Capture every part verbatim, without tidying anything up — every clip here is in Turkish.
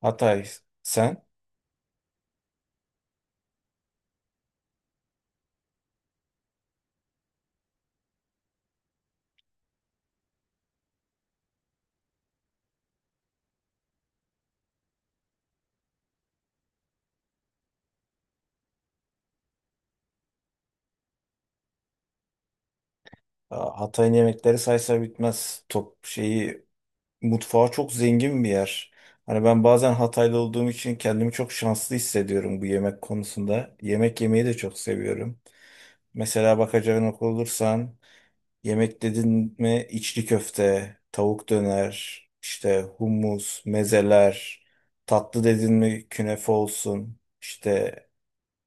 Hatay sen. Aa, Hatay'ın yemekleri saysa bitmez. Top şeyi mutfağı çok zengin bir yer. Hani ben bazen Hataylı olduğum için kendimi çok şanslı hissediyorum bu yemek konusunda. Yemek yemeyi de çok seviyorum. Mesela bakacağına olursan yemek dedin mi içli köfte, tavuk döner, işte hummus, mezeler, tatlı dedin mi künefe olsun, işte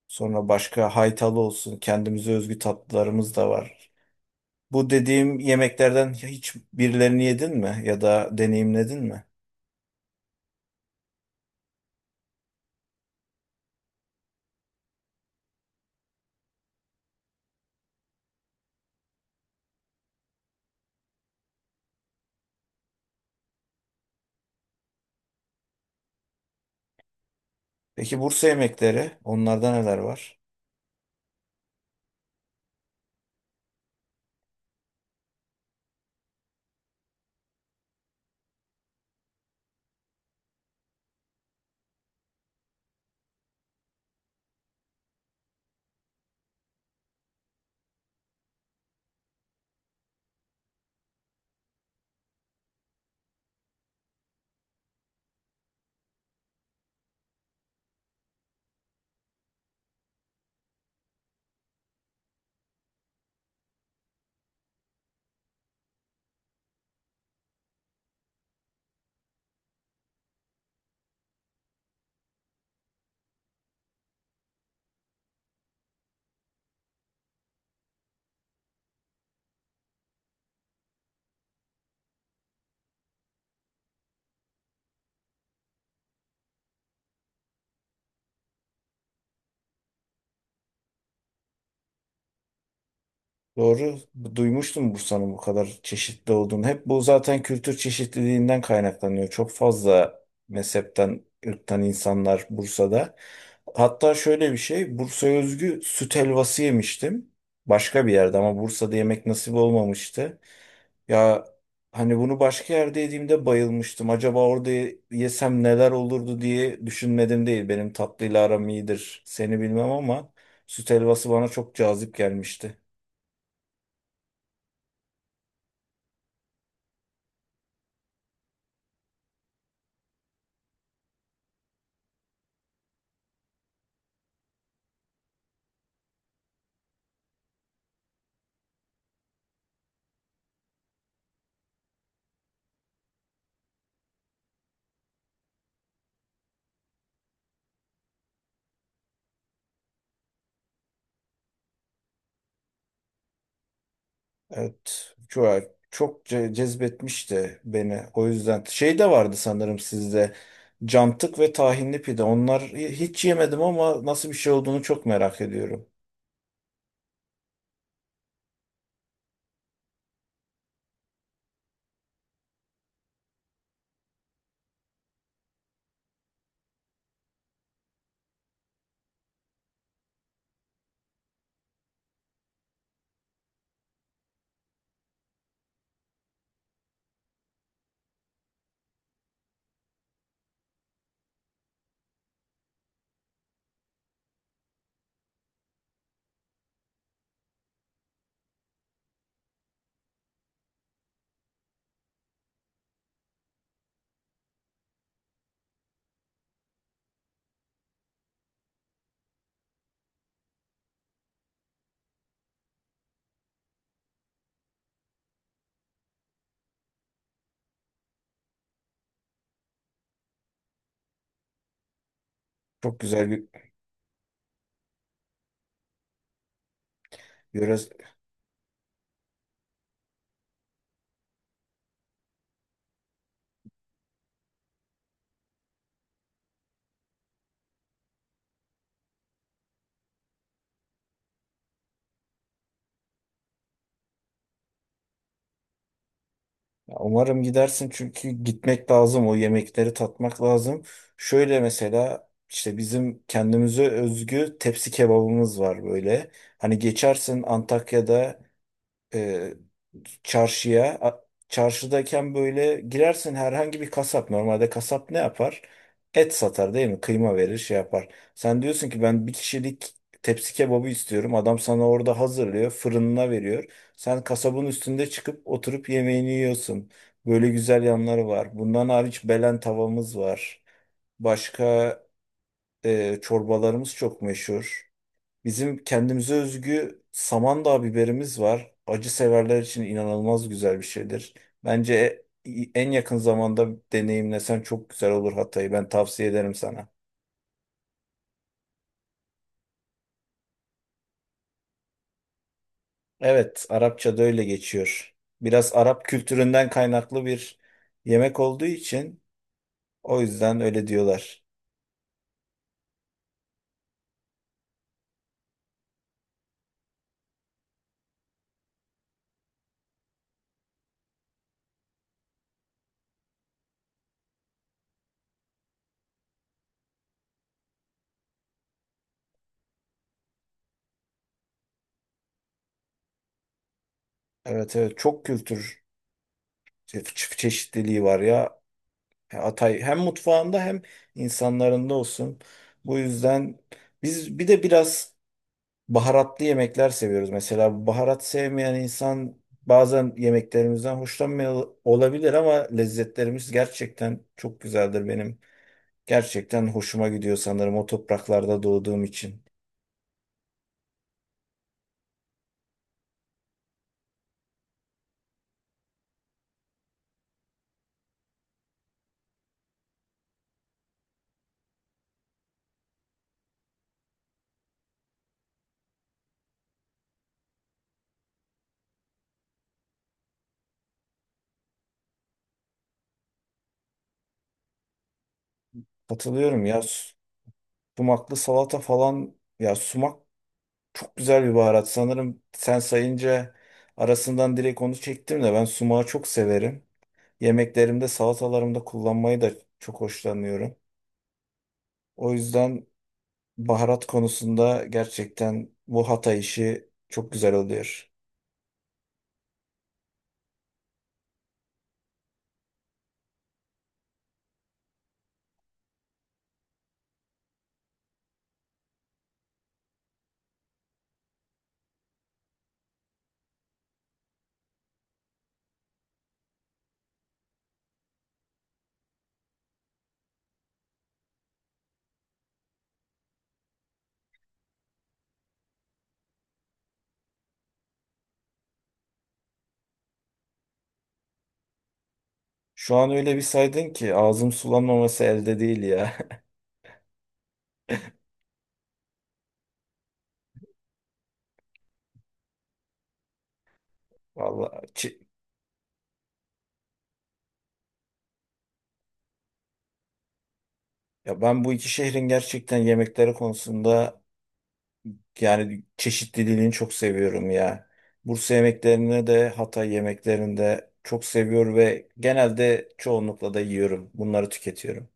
sonra başka haytalı olsun, kendimize özgü tatlılarımız da var. Bu dediğim yemeklerden hiç birilerini yedin mi ya da deneyimledin mi? Peki Bursa yemekleri, onlarda neler var? Doğru, duymuştum Bursa'nın bu kadar çeşitli olduğunu. Hep bu zaten kültür çeşitliliğinden kaynaklanıyor. Çok fazla mezhepten, ırktan insanlar Bursa'da. Hatta şöyle bir şey, Bursa'ya özgü süt helvası yemiştim. Başka bir yerde ama Bursa'da yemek nasip olmamıştı. Ya hani bunu başka yerde yediğimde bayılmıştım. Acaba orada ye- yesem neler olurdu diye düşünmedim değil. Benim tatlıyla aram iyidir. Seni bilmem ama süt helvası bana çok cazip gelmişti. Evet. Çok, çok ce- cezbetmişti beni. O yüzden şey de vardı sanırım sizde. Cantık ve tahinli pide. Onlar hi- hiç yemedim ama nasıl bir şey olduğunu çok merak ediyorum. Çok güzel bir yöre. Ya umarım gidersin çünkü gitmek lazım, o yemekleri tatmak lazım. Şöyle mesela işte bizim kendimize özgü tepsi kebabımız var böyle. Hani geçersin Antakya'da e, çarşıya. A- Çarşıdayken böyle girersin herhangi bir kasap. Normalde kasap ne yapar? Et satar değil mi? Kıyma verir, şey yapar. Sen diyorsun ki ben bir kişilik tepsi kebabı istiyorum. Adam sana orada hazırlıyor, fırınına veriyor. Sen kasabın üstünde çıkıp oturup yemeğini yiyorsun. Böyle güzel yanları var. Bundan hariç Belen tavamız var. Başka e, çorbalarımız çok meşhur. Bizim kendimize özgü Samandağ biberimiz var. Acı severler için inanılmaz güzel bir şeydir. Bence e- en yakın zamanda deneyimlesen çok güzel olur Hatay'ı. Ben tavsiye ederim sana. Evet, Arapça'da öyle geçiyor. Biraz Arap kültüründen kaynaklı bir yemek olduğu için o yüzden öyle diyorlar. Evet, evet, çok kültür çe- çe- çeşitliliği var ya. E, Hatay hem mutfağında hem insanlarında olsun. Bu yüzden biz bir de biraz baharatlı yemekler seviyoruz. Mesela baharat sevmeyen insan bazen yemeklerimizden hoşlanmıyor olabilir ama lezzetlerimiz gerçekten çok güzeldir benim. Gerçekten hoşuma gidiyor sanırım o topraklarda doğduğum için. Katılıyorum ya, su- sumaklı salata falan, ya sumak çok güzel bir baharat. Sanırım sen sayınca arasından direkt onu çektim de ben sumağı çok severim. Yemeklerimde, salatalarımda kullanmayı da çok hoşlanıyorum. O yüzden baharat konusunda gerçekten bu Hatay işi çok güzel oluyor. Şu an öyle bir saydın ki ağzım sulanmaması elde değil ya. Vallahi çe- ya ben bu iki şehrin gerçekten yemekleri konusunda yani çeşitliliğini çok seviyorum ya. Bursa yemeklerini de Hatay yemeklerini de çok seviyor ve genelde çoğunlukla da yiyorum. Bunları tüketiyorum.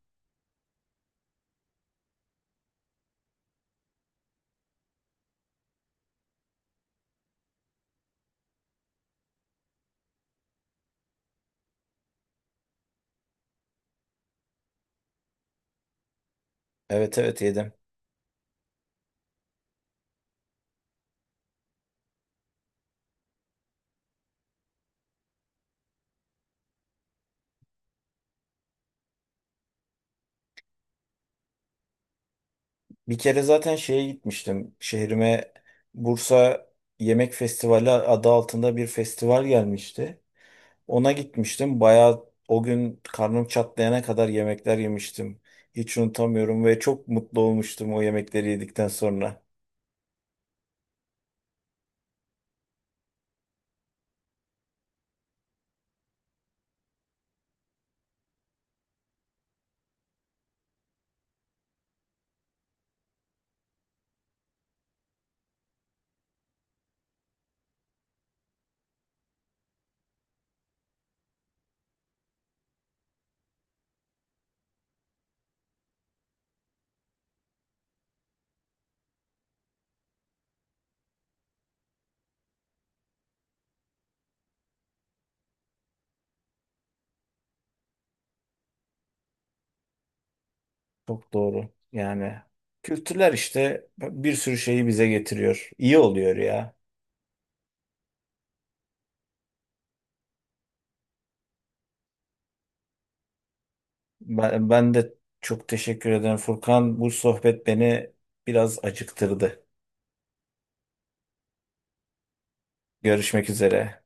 Evet, evet, yedim. Bir kere zaten şeye gitmiştim. Şehrime Bursa Yemek Festivali adı altında bir festival gelmişti. Ona gitmiştim. Bayağı o gün karnım çatlayana kadar yemekler yemiştim. Hiç unutamıyorum ve çok mutlu olmuştum o yemekleri yedikten sonra. Çok doğru. Yani kültürler işte bir sürü şeyi bize getiriyor. İyi oluyor ya. Ben, ben de çok teşekkür ederim Furkan. Bu sohbet beni biraz acıktırdı. Görüşmek üzere.